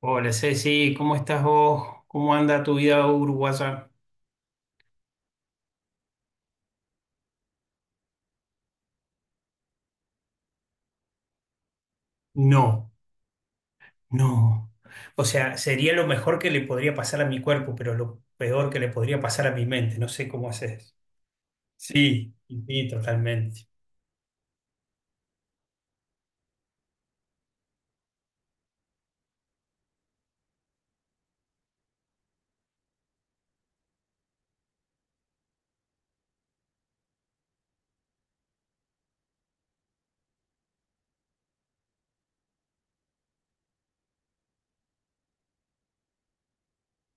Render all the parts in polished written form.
Hola Ceci, ¿cómo estás vos? ¿Cómo anda tu vida uruguaya? No, no. O sea, sería lo mejor que le podría pasar a mi cuerpo, pero lo peor que le podría pasar a mi mente. No sé cómo haces. Sí, sí, totalmente.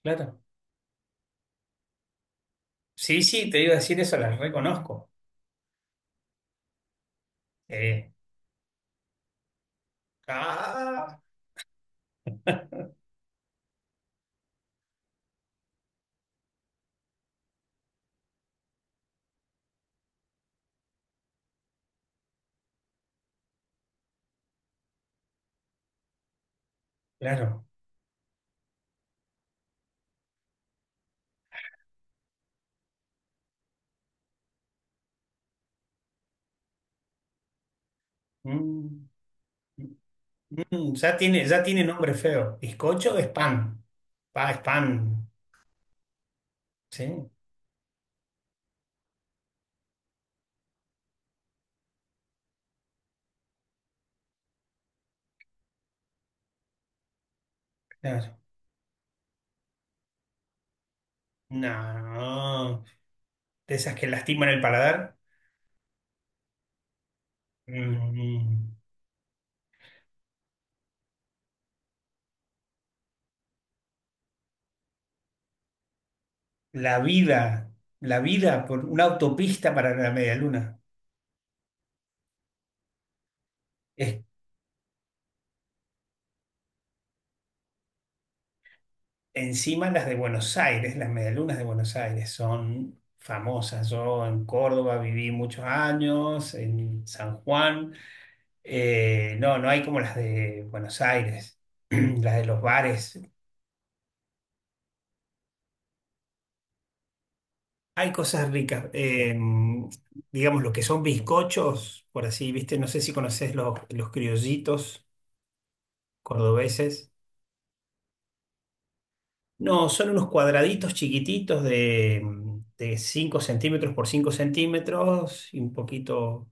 Claro. Sí, sí, te iba a decir eso, las reconozco. Eh, ah, claro. Mm, mm, ya tiene nombre feo. Bizcocho es pan. Pa, es pan. Sí, claro. No. De esas que lastiman el paladar. Mm, la vida, la vida por una autopista para la medialuna. Es, Encima las de Buenos Aires, las medialunas de Buenos Aires son famosas. Yo en Córdoba viví muchos años, en San Juan. No, no hay como las de Buenos Aires, las de los bares. Hay cosas ricas. Digamos, lo que son bizcochos, por así, ¿viste? No sé si conoces los criollitos cordobeses. No, son unos cuadraditos chiquititos de 5 centímetros por 5 centímetros y un poquito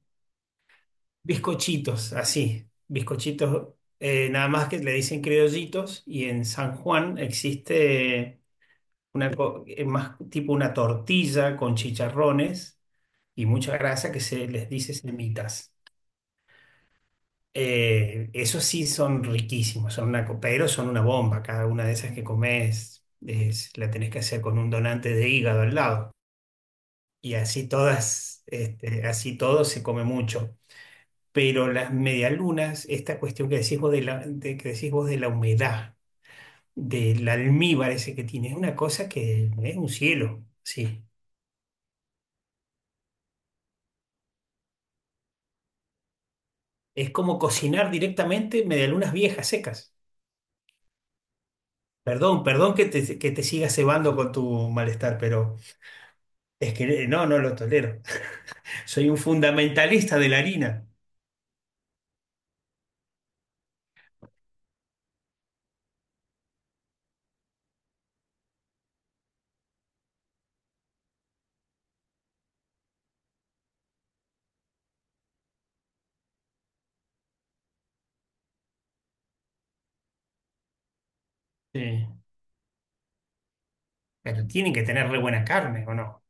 bizcochitos, así, bizcochitos, nada más que le dicen criollitos y en San Juan existe más tipo una tortilla con chicharrones y mucha grasa que se les dice semitas. Esos sí son riquísimos, son pero son una bomba, cada una de esas que comes la tenés que hacer con un donante de hígado al lado. Y así todas, así todo se come mucho. Pero las medialunas, esta cuestión que decís vos de la humedad, del almíbar ese que tiene, es una cosa que es un cielo, sí. Es como cocinar directamente medialunas viejas, secas. Perdón, perdón que te siga cebando con tu malestar, pero es que no, no lo tolero. Soy un fundamentalista de la harina. Sí. Pero tienen que tener re buena carne, ¿o no?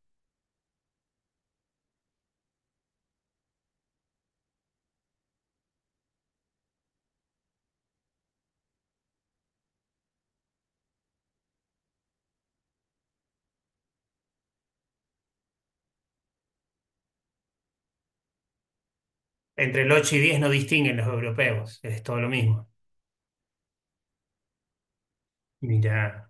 Entre el 8 y 10 no distinguen los europeos, es todo lo mismo. Mira,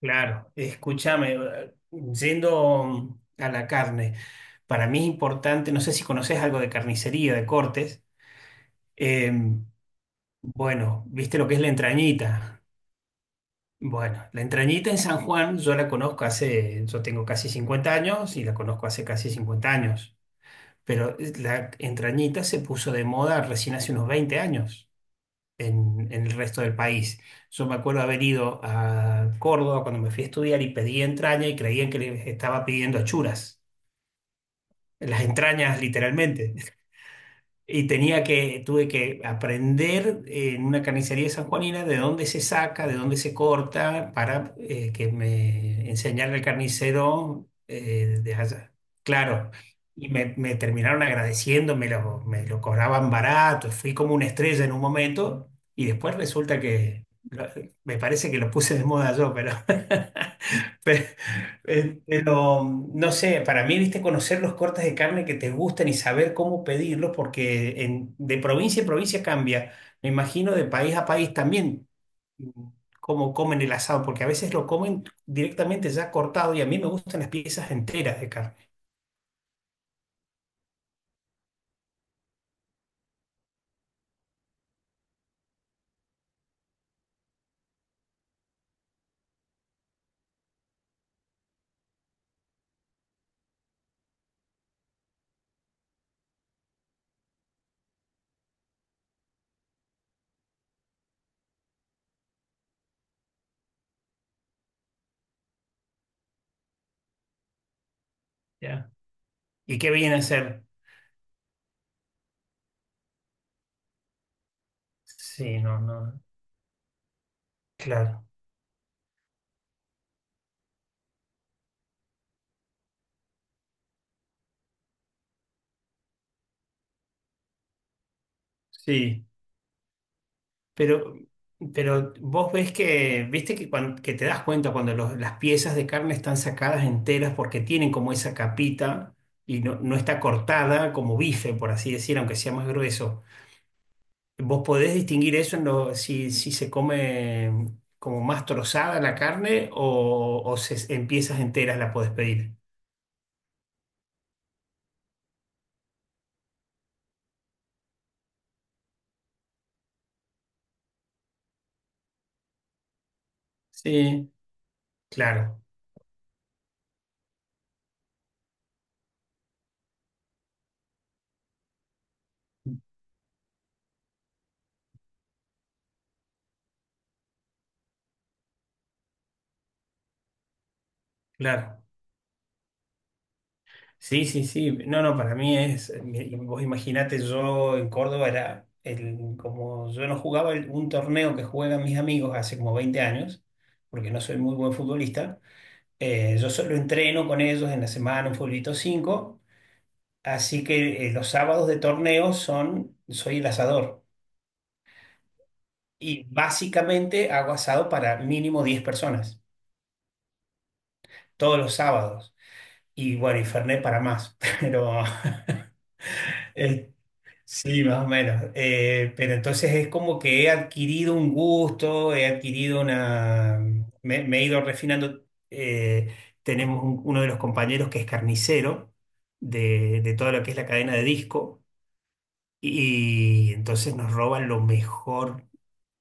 claro, escúchame, yendo a la carne, para mí es importante, no sé si conoces algo de carnicería, de cortes, eh, bueno, ¿viste lo que es la entrañita? Bueno, la entrañita en San Juan yo la conozco hace, yo tengo casi 50 años y la conozco hace casi 50 años, pero la entrañita se puso de moda recién hace unos 20 años. En el resto del país. Yo me acuerdo haber ido a Córdoba cuando me fui a estudiar y pedí entraña y creían que les estaba pidiendo achuras, las entrañas literalmente. Y tuve que aprender en una carnicería sanjuanina de dónde se saca, de dónde se corta, para que me enseñara el carnicero de allá. Claro, y me terminaron agradeciendo, me lo cobraban barato, fui como una estrella en un momento, y después resulta que, lo- me parece que lo puse de moda yo, pero, Pero no sé, para mí, viste, conocer los cortes de carne que te gustan y saber cómo pedirlos, porque de provincia en provincia cambia. Me imagino de país a país también mm, cómo comen el asado, porque a veces lo comen directamente ya cortado y a mí me gustan las piezas enteras de carne. ¿Ya? ¿Y qué vienen a ser? Sí, no, no, claro. Sí. Pero, pero vos ves que, viste que, que te das cuenta cuando las piezas de carne están sacadas enteras porque tienen como esa capita y no, no está cortada como bife, por así decir, aunque sea más grueso. ¿Vos podés distinguir eso si se come como más trozada la carne o en piezas enteras la podés pedir? Sí, claro, claro. Sí, sí, sí. No, no, para mí vos imaginate, yo en Córdoba era, como yo no jugaba un torneo que juegan mis amigos hace como 20 años, porque no soy muy buen futbolista, yo solo entreno con ellos en la semana, un futbolito 5 así que los sábados de torneo soy el asador. Y básicamente hago asado para mínimo 10 personas, todos los sábados. Y bueno, y Fernet para más, pero... Sí, más o menos. Pero entonces es como que he adquirido un gusto, he adquirido una... Me he ido refinando. Eh, Tenemos uno de los compañeros que es carnicero de todo lo que es la cadena de disco y entonces nos roban lo mejor.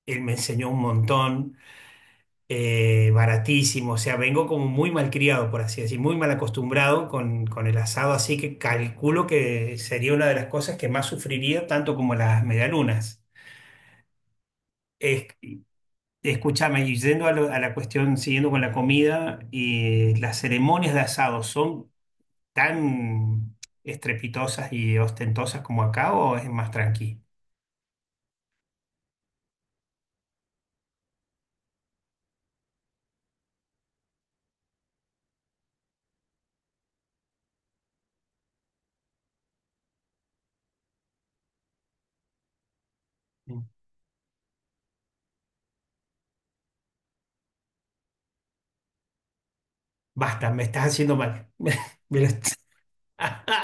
Él me enseñó un montón baratísimo, o sea, vengo como muy malcriado, por así decir, muy mal acostumbrado con el asado, así que calculo que sería una de las cosas que más sufriría, tanto como las medialunas. Es- Escúchame, y yendo a la cuestión, siguiendo con la comida, y las ceremonias de asado son tan estrepitosas y ostentosas como acá o es más tranqui. Basta, me estás haciendo mal. Me lo est-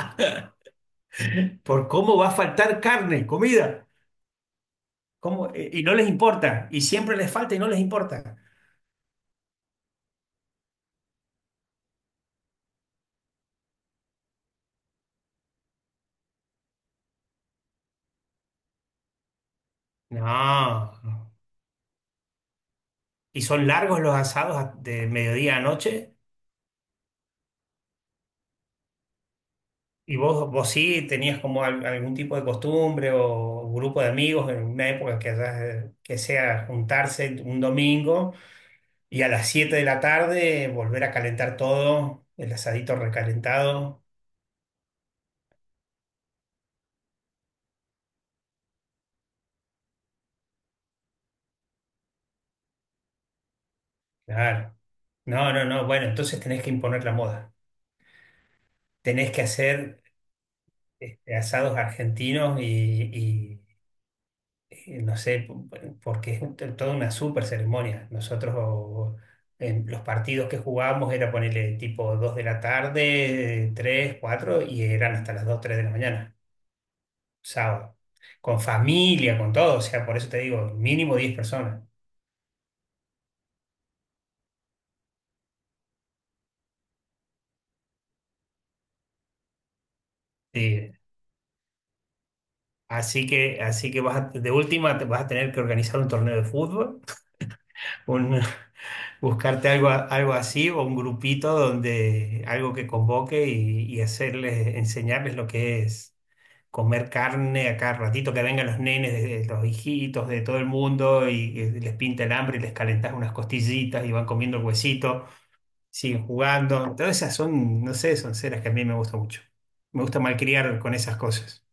Por cómo va a faltar carne, comida. ¿Cómo? Y no les importa, y siempre les falta y no les importa. No. Y son largos los asados de mediodía a noche. Y vos sí tenías como algún tipo de costumbre o grupo de amigos en una época que sea juntarse un domingo y a las 7 de la tarde volver a calentar todo, el asadito recalentado. Claro. No, no, no. Bueno, entonces tenés que imponer la moda. Tenés que hacer asados argentinos y no sé, porque es toda una super ceremonia. En los partidos que jugábamos era ponerle tipo 2 de la tarde, 3 4 y eran hasta las 2 3 de la mañana, sábado, con familia, con todo, o sea, por eso te digo, mínimo 10 personas. Sí. Así que vas de última te vas a tener que organizar un torneo de fútbol, un- buscarte algo, algo así o un grupito donde algo que convoque y hacerles, enseñarles lo que es comer carne a cada ratito, que vengan los nenes, de los hijitos de todo el mundo y les pinta el hambre y les calentás unas costillitas y van comiendo el huesito, siguen jugando. Todas esas son, no sé, son ceras que a mí me gusta mucho. Me gusta malcriar con esas cosas.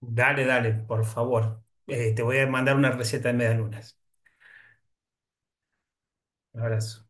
Dale, dale, por favor. Te voy a mandar una receta de medialunas. Un abrazo.